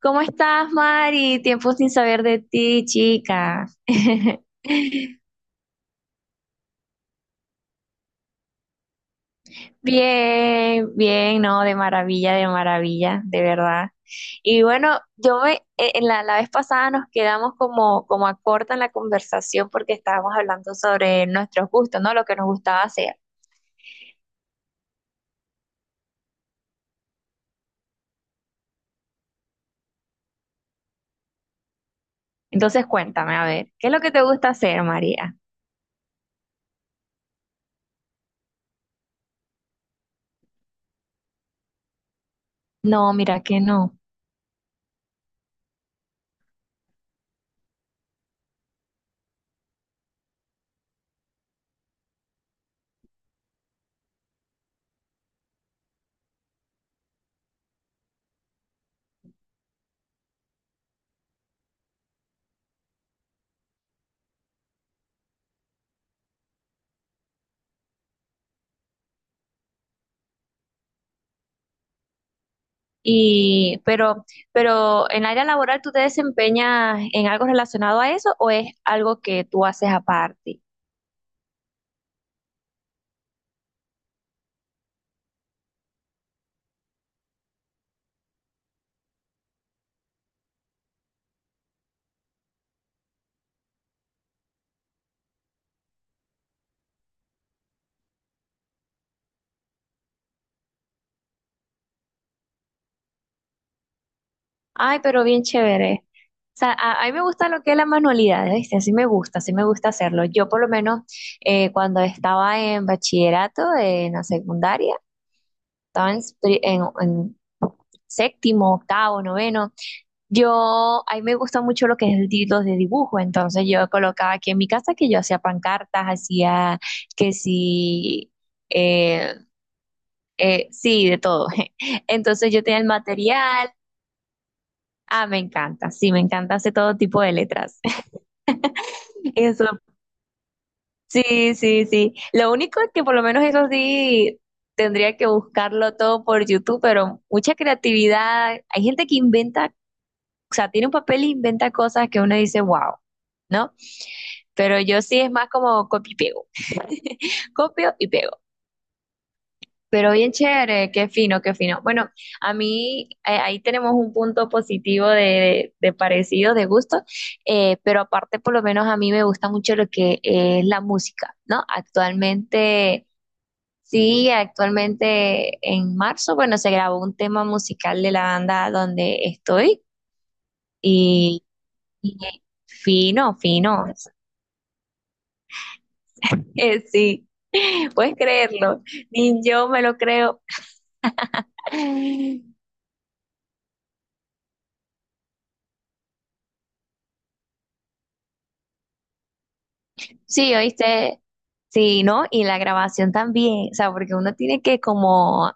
¿Cómo estás, Mari? Tiempo sin saber de ti, chica. Bien, bien, no, de maravilla, de maravilla, de verdad. Y bueno, en la vez pasada nos quedamos como, como a corta en la conversación porque estábamos hablando sobre nuestros gustos, ¿no? Lo que nos gustaba hacer. Entonces, cuéntame, a ver, ¿qué es lo que te gusta hacer, María? No, mira que no. Y, pero, pero en el área laboral, ¿tú te desempeñas en algo relacionado a eso o es algo que tú haces aparte? Ay, pero bien chévere. O sea, a mí me gusta lo que es la manualidad, ¿viste? Así me gusta hacerlo. Yo por lo menos cuando estaba en bachillerato, en la secundaria, estaba en séptimo, octavo, noveno. Yo, a mí me gusta mucho lo que es el título de dibujo, entonces yo colocaba aquí en mi casa que yo hacía pancartas, hacía que sí, eh, sí, de todo. Entonces yo tenía el material. Ah, me encanta, sí, me encanta hacer todo tipo de letras. Eso, sí, sí, sí. Lo único es que por lo menos eso sí tendría que buscarlo todo por YouTube, pero mucha creatividad. Hay gente que inventa, o sea, tiene un papel e inventa cosas que uno dice, wow, ¿no? Pero yo sí es más como copio y pego. Copio y pego. Pero bien chévere, qué fino, qué fino. Bueno, a mí ahí tenemos un punto positivo de parecido, de gusto, pero aparte por lo menos a mí me gusta mucho lo que es la música, ¿no? Actualmente, sí, actualmente en marzo, bueno, se grabó un tema musical de la banda donde estoy y, y fino, fino. Sí, puedes creerlo, ni yo me lo creo. Sí, oíste, sí, ¿no? Y la grabación también, o sea, porque uno tiene que como, o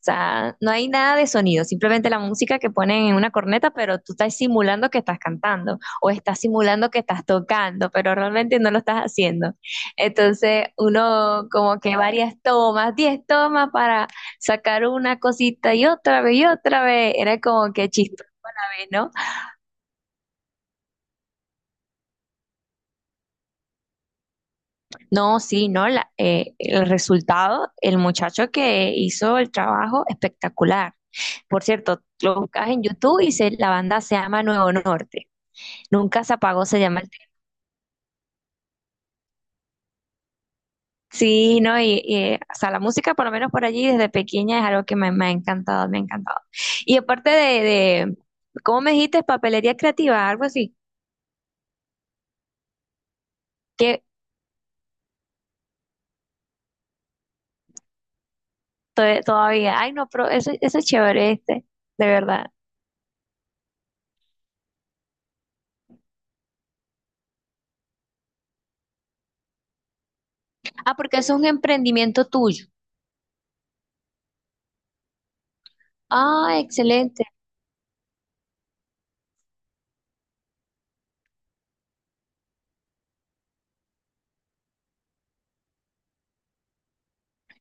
sea, no hay nada de sonido, simplemente la música que ponen en una corneta, pero tú estás simulando que estás cantando o estás simulando que estás tocando, pero realmente no lo estás haciendo. Entonces, uno como que varias tomas, 10 tomas para sacar una cosita y otra vez, era como que chistoso, ¿no? No, sí, no, el resultado, el muchacho que hizo el trabajo, espectacular. Por cierto, lo buscas en YouTube y la banda se llama Nuevo Norte. Nunca se apagó, se llama el tema. Sí, no, y, o sea, la música, por lo menos por allí, desde pequeña es algo que me ha encantado, me ha encantado. Y aparte ¿cómo me dijiste? Papelería creativa, algo así, que todavía, ay, no, pero eso es chévere este, de verdad. Ah, porque eso es un emprendimiento tuyo. Ah, excelente.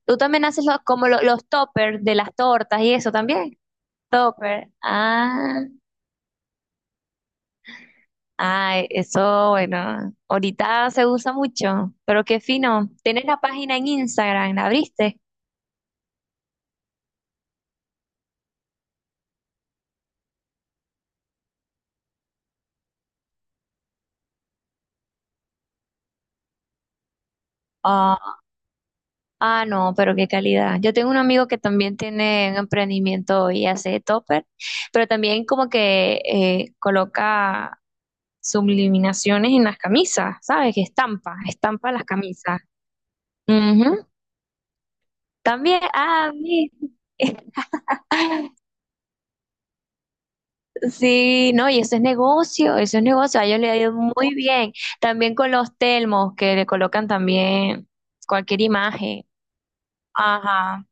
Tú también haces los, como los toppers de las tortas y eso también. Topper. Ah, ay, eso, bueno, ahorita se usa mucho, pero qué fino. ¿Tienes la página en Instagram? ¿La abriste? Ah, ah, no, pero qué calidad. Yo tengo un amigo que también tiene un emprendimiento y hace topper, pero también como que coloca subliminaciones en las camisas, ¿sabes? Que estampa, estampa las camisas. Ujú. También, ah, vi. Sí, no, y eso es negocio, a ellos le ha ido muy bien. También con los telmos que le colocan también cualquier imagen. Ajá,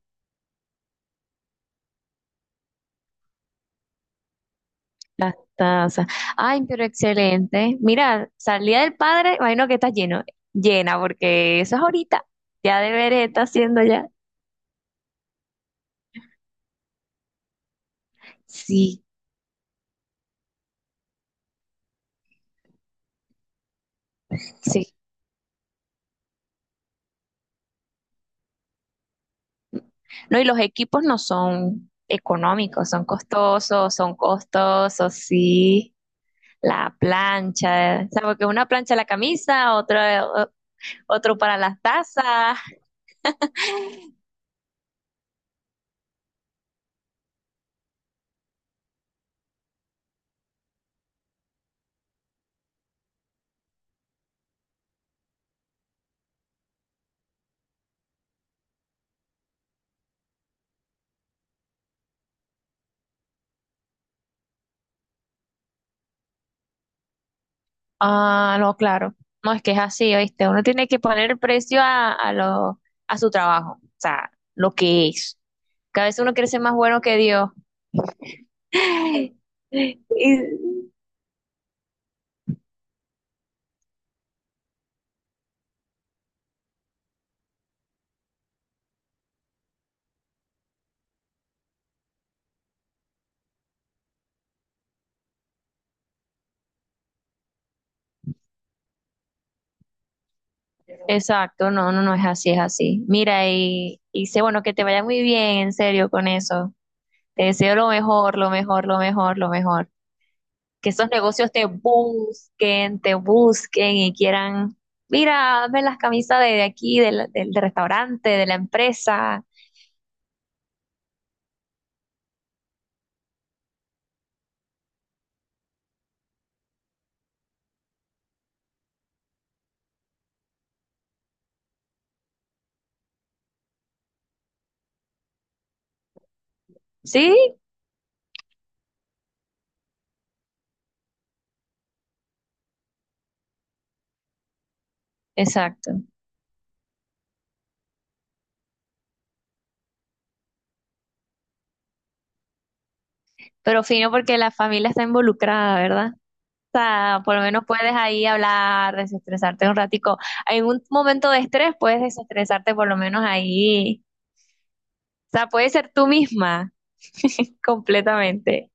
las tazas. Ay, pero excelente. Mira, salida del padre, imagino que está lleno, llena, porque eso es ahorita. Ya debería estar haciendo ya. Sí, sí. No, y los equipos no son económicos, son costosos, sí. La plancha, o sea, porque una plancha la camisa, otro para las tazas. Ah, no, claro. No, es que es así, ¿oíste? Uno tiene que poner precio a lo, a su trabajo, o sea, lo que es. Que a veces uno quiere ser más bueno que Dios. Y- exacto, no, no, no es así, es así. Mira, y sé, bueno, que te vaya muy bien, en serio, con eso. Te deseo lo mejor, lo mejor, lo mejor, lo mejor. Que esos negocios te busquen y quieran, mira, hazme las camisas de aquí, del restaurante, de la empresa. Sí, exacto. Pero fino porque la familia está involucrada, ¿verdad? O sea, por lo menos puedes ahí hablar, desestresarte un ratico. En un momento de estrés puedes desestresarte por lo menos ahí. O sea, puedes ser tú misma completamente.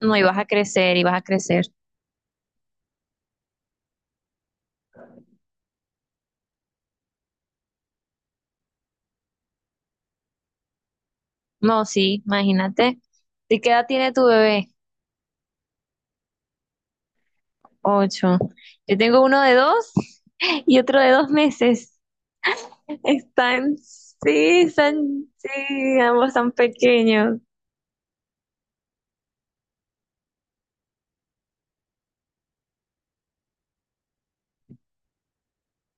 No, y vas a crecer, y vas a crecer. No, sí, imagínate. ¿De qué edad tiene tu bebé? Ocho. Yo tengo uno de 2 y otro de 2 meses. Están, sí, están, sí, ambos están pequeños.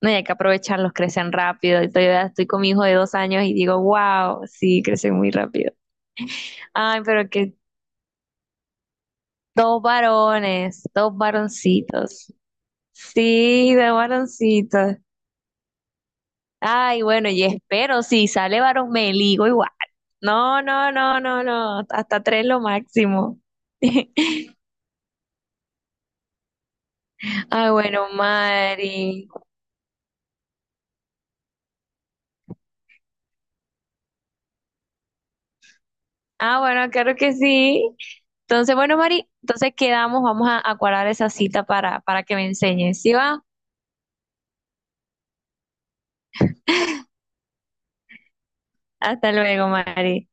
No, y hay que aprovecharlos, crecen rápido. Y todavía estoy con mi hijo de 2 años y digo, wow, sí, crecen muy rápido. Ay, pero que dos varones, dos varoncitos. Sí, dos varoncitos. Ay, bueno, y espero, si sale varón, me ligo igual. No, no, no, no, no, hasta 3 lo máximo. Ah, bueno, Mari. Ah, bueno, claro que sí. Entonces, bueno, Mari, entonces quedamos, vamos a cuadrar esa cita para que me enseñes. ¿Sí va? Hasta luego, Mari.